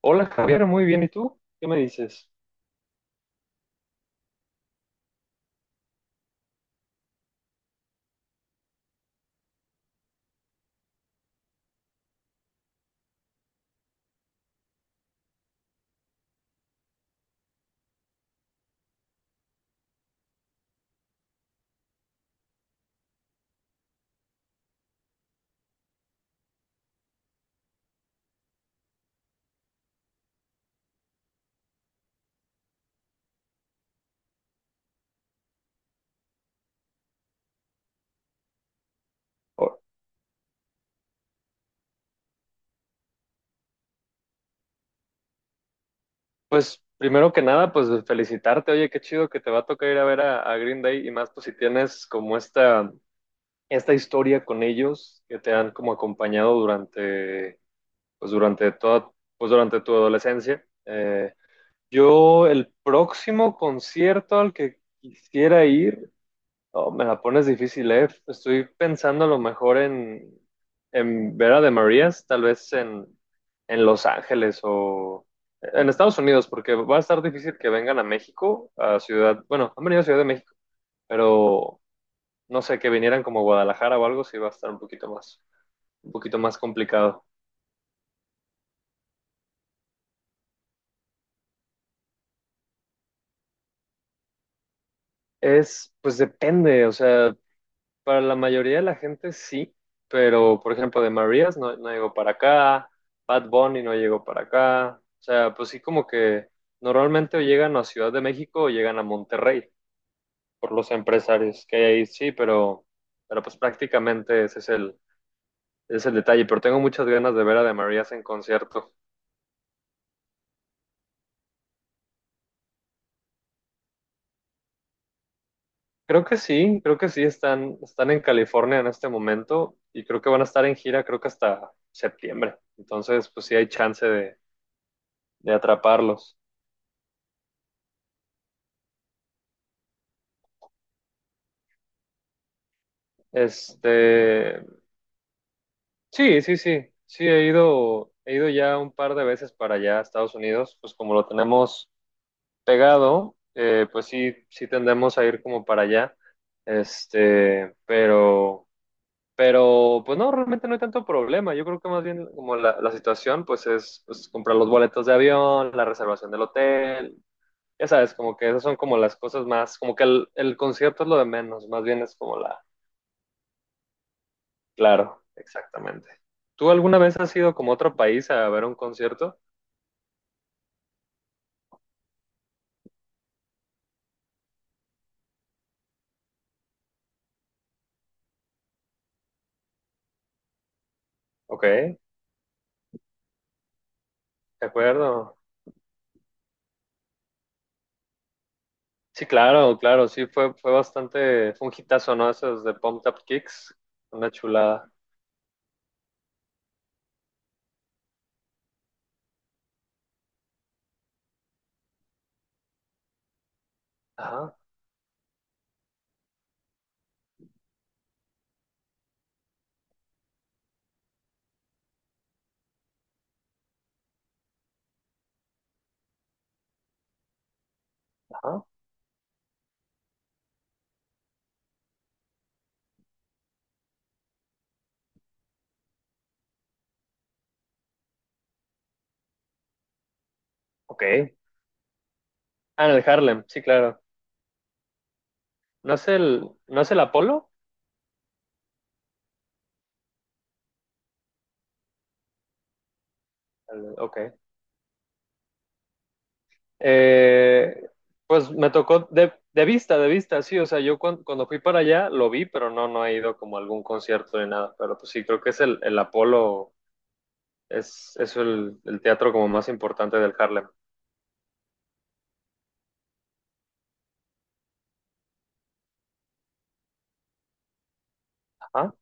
Hola Javier, muy bien. ¿Y tú? ¿Qué me dices? Oh, pues primero que nada, pues felicitarte. Oye, qué chido que te va a tocar ir a ver a Green Day, y más pues si tienes como esta historia con ellos que te han como acompañado durante, pues durante toda, pues durante tu adolescencia. Yo el próximo concierto al que quisiera ir... Oh, me la pones difícil, ¿eh? Estoy pensando a lo mejor en Vera de Marías, tal vez en Los Ángeles o en Estados Unidos, porque va a estar difícil que vengan a México, a Ciudad, bueno, han venido a Ciudad de México, pero no sé, que vinieran como a Guadalajara o algo, sí va a estar un poquito más complicado. Es, pues depende, o sea, para la mayoría de la gente sí, pero por ejemplo de Marías no, no llegó para acá, Bad Bunny no llegó para acá, o sea, pues sí como que normalmente o llegan a Ciudad de México o llegan a Monterrey por los empresarios que hay ahí, sí, pero pues prácticamente ese es el detalle, pero tengo muchas ganas de ver a de Marías en concierto. Creo que sí, están, están en California en este momento y creo que van a estar en gira, creo que hasta septiembre, entonces pues sí hay chance de atraparlos. Este, sí, sí, sí, sí, he ido ya un par de veces para allá a Estados Unidos, pues como lo tenemos pegado, pues sí, sí tendemos a ir como para allá, este, pero, pues no, realmente no hay tanto problema, yo creo que más bien como la situación, pues es pues, comprar los boletos de avión, la reservación del hotel, ya sabes, como que esas son como las cosas más, como que el concierto es lo de menos, más bien es como la... Claro, exactamente. ¿Tú alguna vez has ido como a otro país a ver un concierto? Ok, de acuerdo. Sí, claro, claro, sí, fue, fue bastante, fue un hitazo, ¿no? Esos de Pumped Up Kicks, una chulada. Ajá, ajá. Ok. Ah, en el Harlem, sí, claro. ¿No es el, no es el Apolo? Al- Ok. Eh, pues me tocó de vista, sí, o sea, yo cuan- cuando fui para allá lo vi, pero no, no he ido como a algún concierto ni nada, pero pues sí, creo que es el Apolo. Es el teatro como más importante del Harlem. Ajá,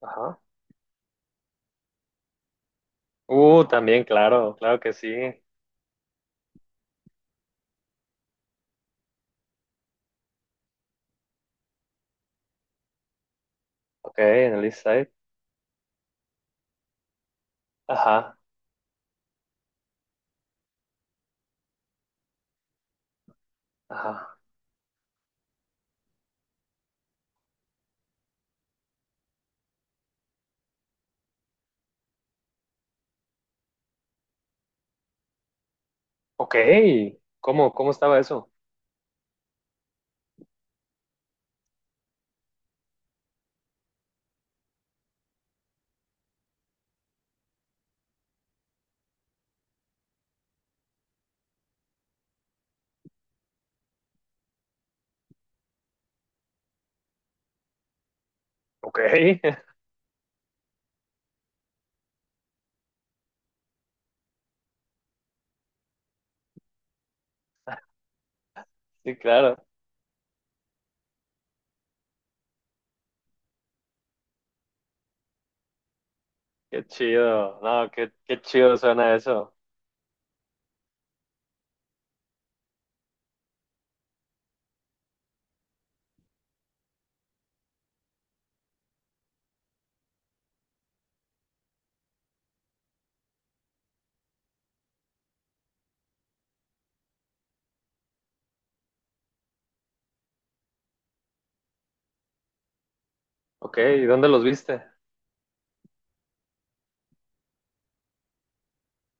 ajá. También, claro, claro que sí. Ok, en el East Side. Ajá, ajá. Ok, ¿cómo, cómo estaba eso? Ok, sí, claro. Qué chido. No, qué, qué chido suena eso. Ok, ¿y dónde los viste?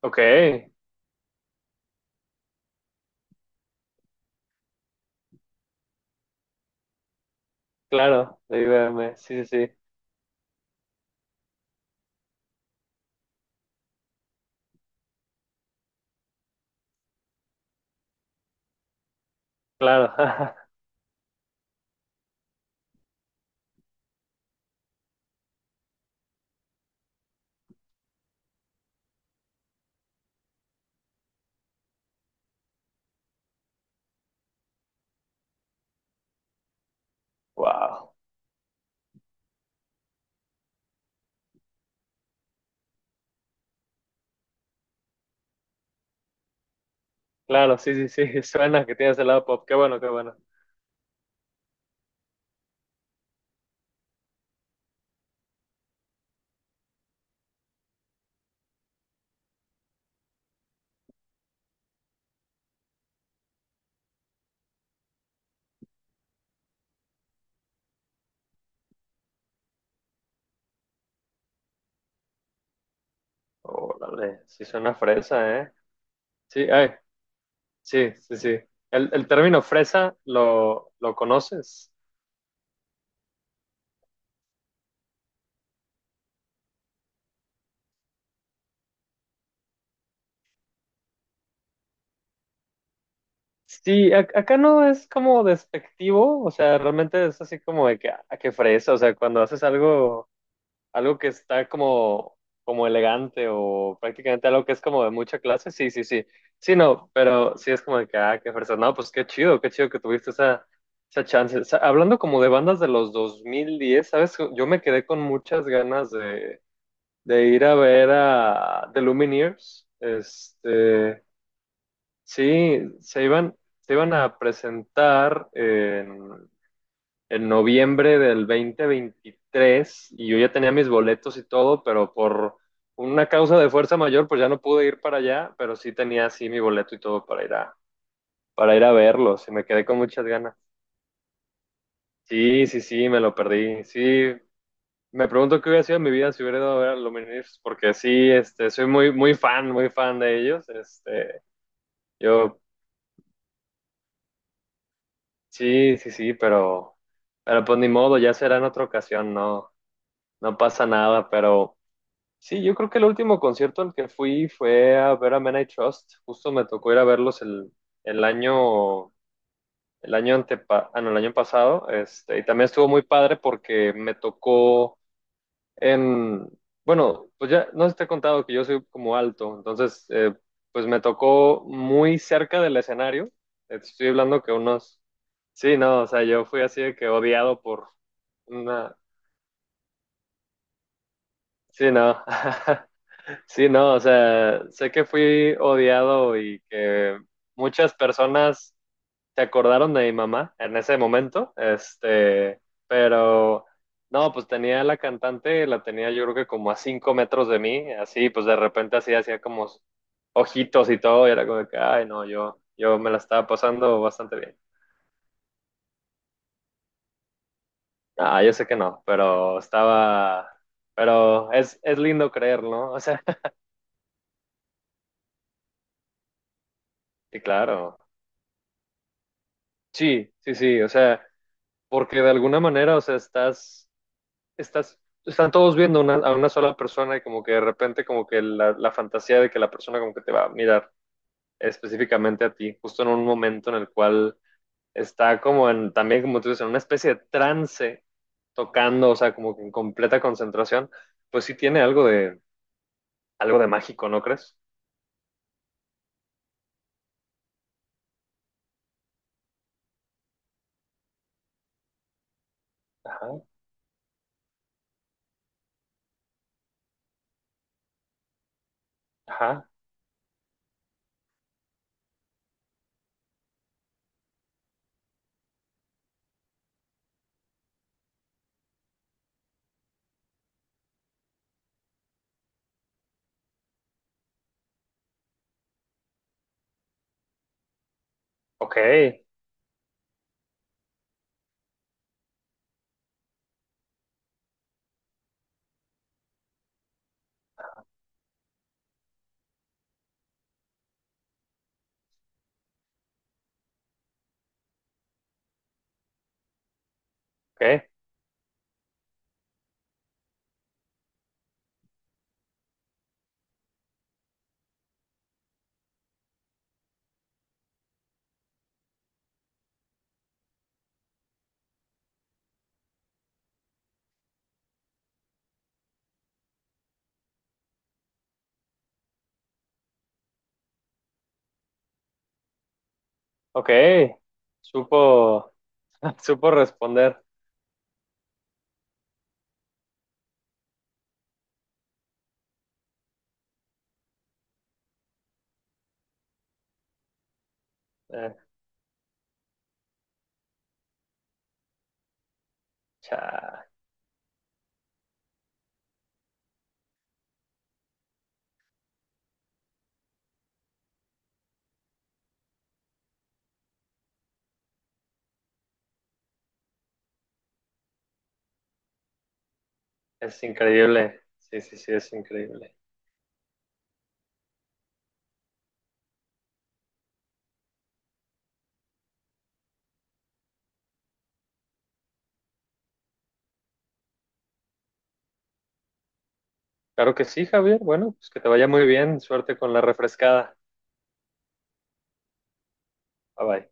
Ok, claro, de IBM. Sí, sí, sí, claro. Wow, claro, sí, sí, sí. Suena que tienes el lado pop. Qué bueno, qué bueno. Órale, sí suena fresa, ¿eh? Sí, ay, sí, sí, sí. El término fresa, lo conoces? Sí, ac- acá no es como despectivo, o sea, realmente es así como de que, a que fresa, o sea, cuando haces algo, algo que está como, como elegante o prácticamente algo que es como de mucha clase, sí, sí, sí. Sí, no, pero sí es como de que, ah, qué fresa. No, pues qué chido que tuviste esa, esa chance. O sea, hablando como de bandas de los 2010, ¿sabes? Yo me quedé con muchas ganas de ir a ver a The Lumineers. Este, sí, se iban a presentar en noviembre del 2023, y yo ya tenía mis boletos y todo, pero por una causa de fuerza mayor, pues ya no pude ir para allá, pero sí tenía así mi boleto y todo para ir a verlos y me quedé con muchas ganas. Sí, sí, sí, me lo perdí. Sí, me pregunto qué hubiera sido mi vida si hubiera ido a ver a Lumineers, porque sí, este, soy muy, muy fan de ellos. Este, yo, sí, sí, sí, pero pues ni modo, ya será en otra ocasión, no, no pasa nada. Pero sí, yo creo que el último concierto al que fui fue a ver a Men I Trust. Justo me tocó ir a verlos el año, el año antepa, ah, no, el año pasado. Este, y también estuvo muy padre porque me tocó... Em, bueno, pues ya no te he contado que yo soy como alto, entonces pues me tocó muy cerca del escenario. Te estoy hablando que unos... Sí, no, o sea, yo fui así de que odiado por una... Sí, no. Sí, no, o sea, sé que fui odiado y que muchas personas se acordaron de mi mamá en ese momento, este, pero no, pues tenía la cantante, la tenía yo creo que como a 5 metros de mí, así, pues de repente así hacía como ojitos y todo, y era como que, ay, no, yo me la estaba pasando bastante bien. Ah, yo sé que no, pero estaba, pero es lindo creer, ¿no? O sea, sí, claro, sí, sí, sí, o sea, porque de alguna manera, o sea, estás estás, están todos viendo una- a una sola persona y como que de repente como que la fantasía de que la persona como que te va a mirar específicamente a ti, justo en un momento en el cual está como en, también como tú dices, en una especie de trance tocando, o sea, como que en completa concentración, pues sí tiene algo de mágico, ¿no crees? Ajá, ajá, ok, ok, ok, supo, supo responder. Eh, Cha, es increíble, sí, sí, sí, es increíble. Claro que sí, Javier. Bueno, pues que te vaya muy bien. Suerte con la refrescada. Bye bye.